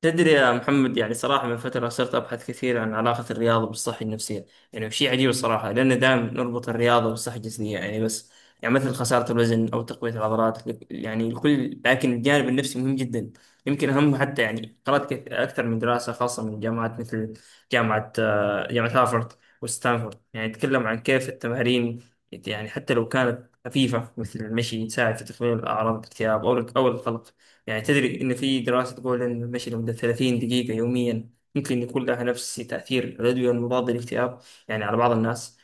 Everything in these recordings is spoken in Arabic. تدري يا محمد، يعني صراحة من فترة صرت أبحث كثير عن علاقة الرياضة بالصحة النفسية. يعني شيء عجيب الصراحة، لأن دائما نربط الرياضة بالصحة الجسدية يعني، بس يعني مثل خسارة الوزن أو تقوية العضلات يعني الكل. لكن الجانب النفسي مهم جدا، يمكن أهم حتى. يعني قرأت أكثر من دراسة خاصة من جامعات مثل جامعة هارفارد وستانفورد، يعني تتكلم عن كيف التمارين، يعني حتى لو كانت خفيفة مثل المشي، تساعد في تقليل أعراض الاكتئاب أو القلق. يعني تدري إن في دراسة تقول إن المشي لمدة 30 دقيقة يوميا ممكن يكون لها نفس تأثير الأدوية المضادة للاكتئاب، يعني على بعض الناس.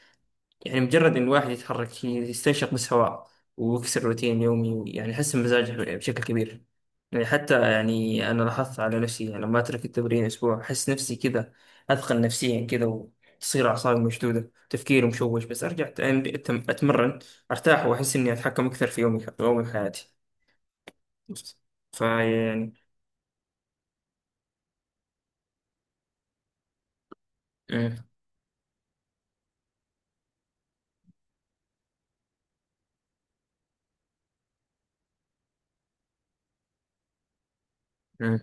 يعني مجرد إن الواحد يتحرك، يستنشق بس هواء، ويكسر روتين يومي، يعني يحسن مزاجه بشكل كبير. يعني حتى يعني أنا لاحظت على نفسي يعني لما أترك التمرين أسبوع أحس نفسي كذا، أثقل نفسيا كذا، وتصير أعصابي مشدودة، تفكيري مشوش. بس أرجع أتمرن، أرتاح وأحس إني أتحكم أكثر في يومي وحياتي. فيعني. مم.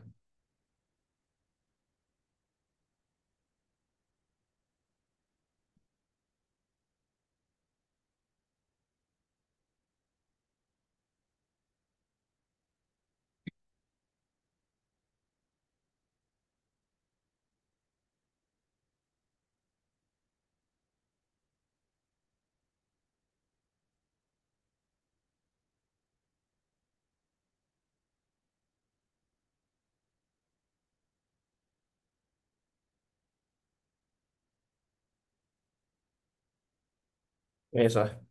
ايه صح.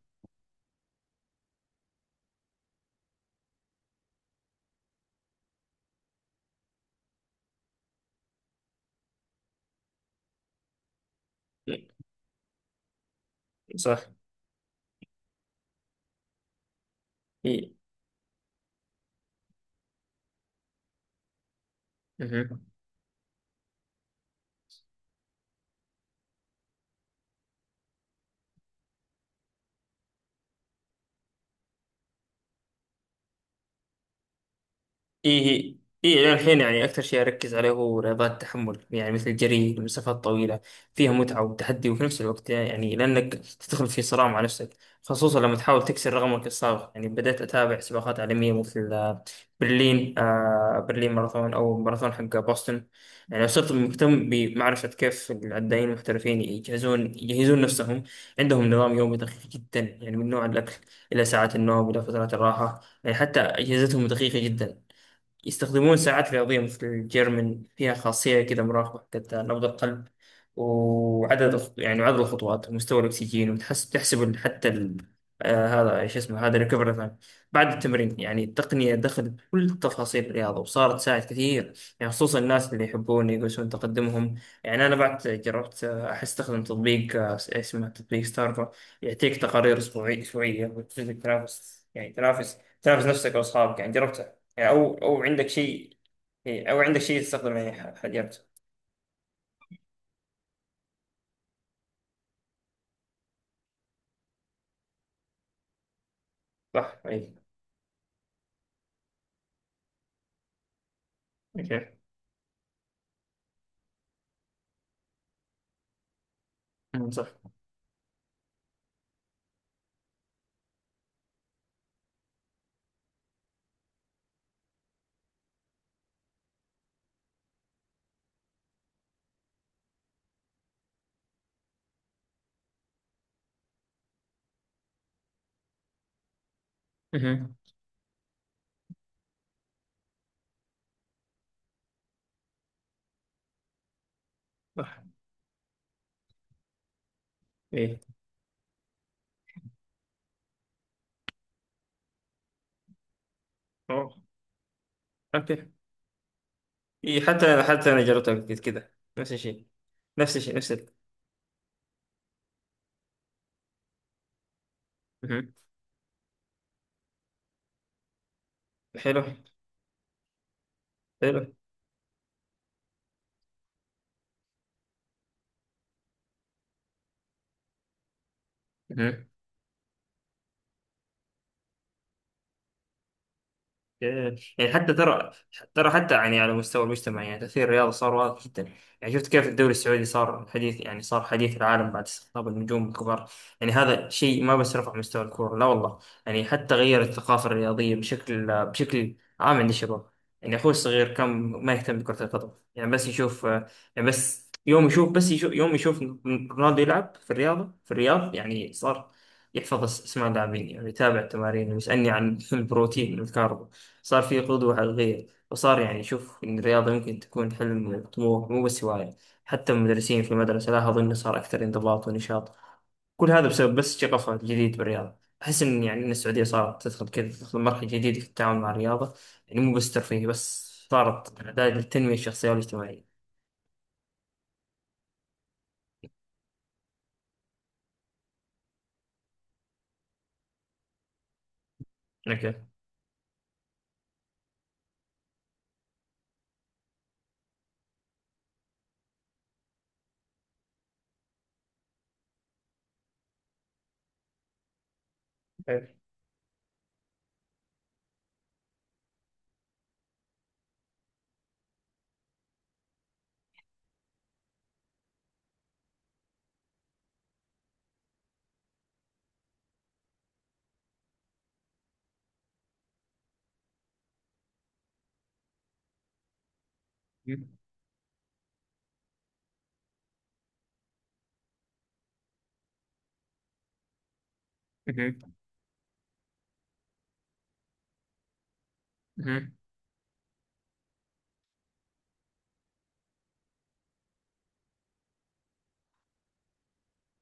إيه صح. إيه. مهم. إيه، إيه إلى الحين يعني أكثر شيء أركز عليه هو رياضات التحمل، يعني مثل الجري المسافات الطويلة، فيها متعة وتحدي، وفي نفس الوقت يعني لأنك تدخل في صراع مع نفسك خصوصا لما تحاول تكسر رقمك السابق. يعني بدأت أتابع سباقات عالمية مثل برلين، برلين ماراثون أو ماراثون حق بوسطن. يعني صرت مهتم بمعرفة كيف العدائين المحترفين يجهزون نفسهم. عندهم نظام يومي دقيق جدا، يعني من نوع الأكل إلى ساعات النوم إلى فترات الراحة. يعني حتى أجهزتهم دقيقة جدا، يستخدمون ساعات رياضية مثل الجيرمن، فيها خاصية كده مراقبة حقت نبض القلب، وعدد الخ- يعني عدد الخطوات ومستوى الأكسجين، وتحس تحسب حتى ال... هذا ايش اسمه؟ هذا ريكفري تايم بعد التمرين. يعني التقنية دخلت كل تفاصيل الرياضة وصارت تساعد كثير، يعني خصوصا الناس اللي يحبون يقيسون تقدمهم. يعني أنا بعد جربت، أحس أستخدم تطبيق، اسمه تطبيق ستارفا. يعطيك تقارير أسبوعية وتجد تنافس، يعني تنافس نفسك وأصحابك. يعني جربت، أو عندك شيء؟ إيه، أو عندك شيء تستخدمه؟ يعني حاجات. صح، أي. أوكي. أمم، صح. أها، صح. إيه. أوه. أوكي. إيه، حتى أنا حتى أنا جربتها قبل كده، نفس الشيء، نفس الشيء، نفس ال... أها. حلو. حلو. أها. إيه، يعني حتى ترى، ترى حتى يعني على مستوى المجتمع يعني تأثير الرياضة صار واضح جدا. يعني شفت كيف الدوري السعودي صار حديث، يعني صار حديث العالم بعد استقطاب النجوم الكبار. يعني هذا شيء ما بس رفع مستوى الكورة، لا والله، يعني حتى غير الثقافة الرياضية بشكل عام عند الشباب. يعني أخوي الصغير كان ما يهتم بكرة القدم، يعني بس يشوف، يعني بس يوم يشوف، بس يشوف يوم يشوف رونالدو يلعب في الرياضة في الرياض، يعني صار يحفظ اسماء اللاعبين، يعني يتابع التمارين ويسألني عن البروتين والكارب. صار في قدوة على الغير، وصار يعني شوف إن الرياضة يمكن تكون حلم وطموح، مو بس هواية. حتى المدرسين في المدرسة لاحظوا إنه صار أكثر انضباط ونشاط. كل هذا بسبب بس شغفه الجديد بالرياضة. أحس إن يعني إن السعودية صارت تدخل كذا، تدخل مرحلة جديدة في التعامل مع الرياضة، يعني مو بس ترفيه، بس صارت أداة للتنمية الشخصية والاجتماعية. اوكي.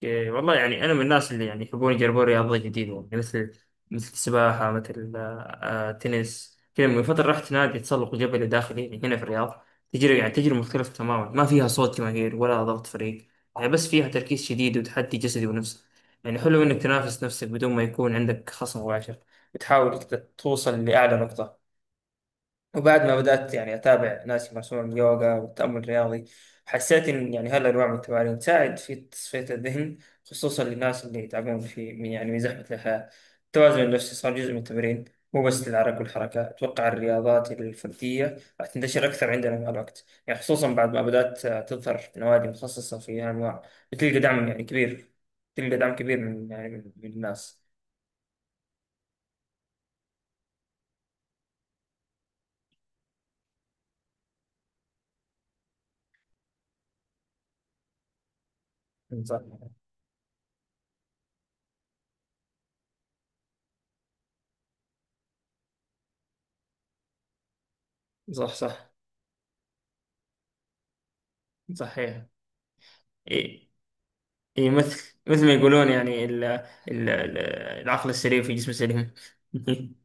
إيه، والله يعني أنا من الناس اللي يعني يحبون يجربون رياضة جديدة، يعني مثل السباحة، مثل التنس كذا. من فترة رحت نادي تسلق جبلي داخلي يعني هنا في الرياض، تجربة يعني تجربة مختلفة تماما، ما فيها صوت جماهير ولا ضغط فريق، يعني بس فيها تركيز شديد وتحدي جسدي ونفسي. يعني حلو إنك تنافس نفسك بدون ما يكون عندك خصم مباشر، وتحاول توصل لأعلى نقطة. وبعد ما بدأت يعني أتابع ناس يمارسون اليوغا والتأمل الرياضي، حسيت إن يعني هالأنواع من التمارين تساعد في تصفية الذهن، خصوصا للناس اللي يتعبون في، من يعني من زحمة الحياة. التوازن النفسي صار جزء من التمرين، مو بس للعرق والحركة. أتوقع الرياضات الفردية راح تنتشر أكثر عندنا مع الوقت، يعني خصوصا بعد ما بدأت تظهر نوادي متخصصة في هالأنواع. بتلقى دعم يعني كبير، تلقى دعم كبير من، يعني من الناس. صح، صح، صح، صحيح. إيه، إيه مثل ما يقولون يعني العقل السليم في جسم سليم.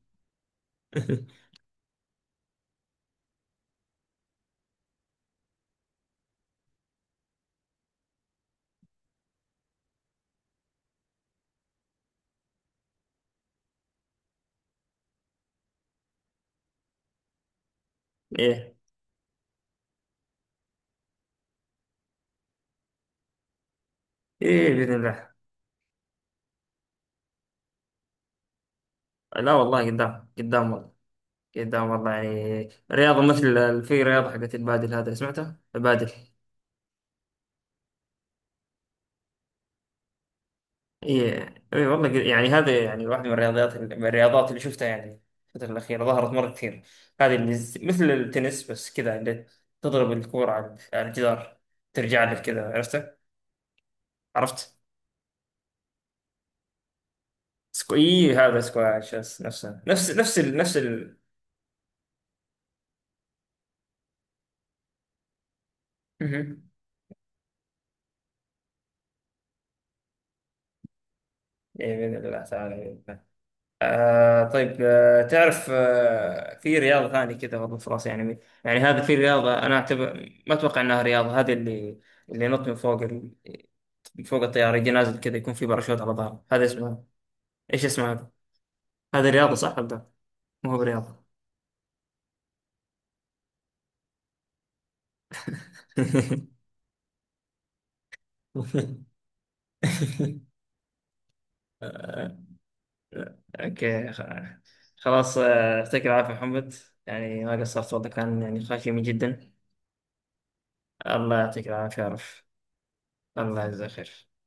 ايه، ايه باذن الله. لا والله، قدام قدام والله، قدام والله، يعني رياضه مثل في رياضه حقت البادل، هذا سمعتها البادل. ايه، ايه والله، يعني هذا يعني واحده من الرياضيات من الرياضات اللي شفتها يعني الفتره الاخيره، ظهرت مره كثير. هذه اللي مثل التنس بس كذا، اللي تضرب الكوره على الجدار، ترجع لك كذا. عرفت؟ عرفت؟ سكو... إيه هذا سكواش، بس نفسه، نفس نفس ال... نفس ال... مهم. إيه بإذن الله تعالى، بإذن الله. طيب، تعرف، في رياضة ثانية كذا برضه في راسي، يعني هذا في رياضة أنا أعتبر ما أتوقع أنها رياضة. هذه اللي اللي ينط من فوق ال... من فوق الطيارة، يجي نازل كذا، يكون في باراشوت على ظهره. هذا اسمها إيش اسمها هذا؟ هذا رياضة صح ولا لا؟ ما هو برياضة. اوكي خلاص. يعطيك العافية محمد، يعني ما قصرت والله، كان يعني خاشم جدا. الله يعطيك العافية يا عرف. الله يجزاك خير.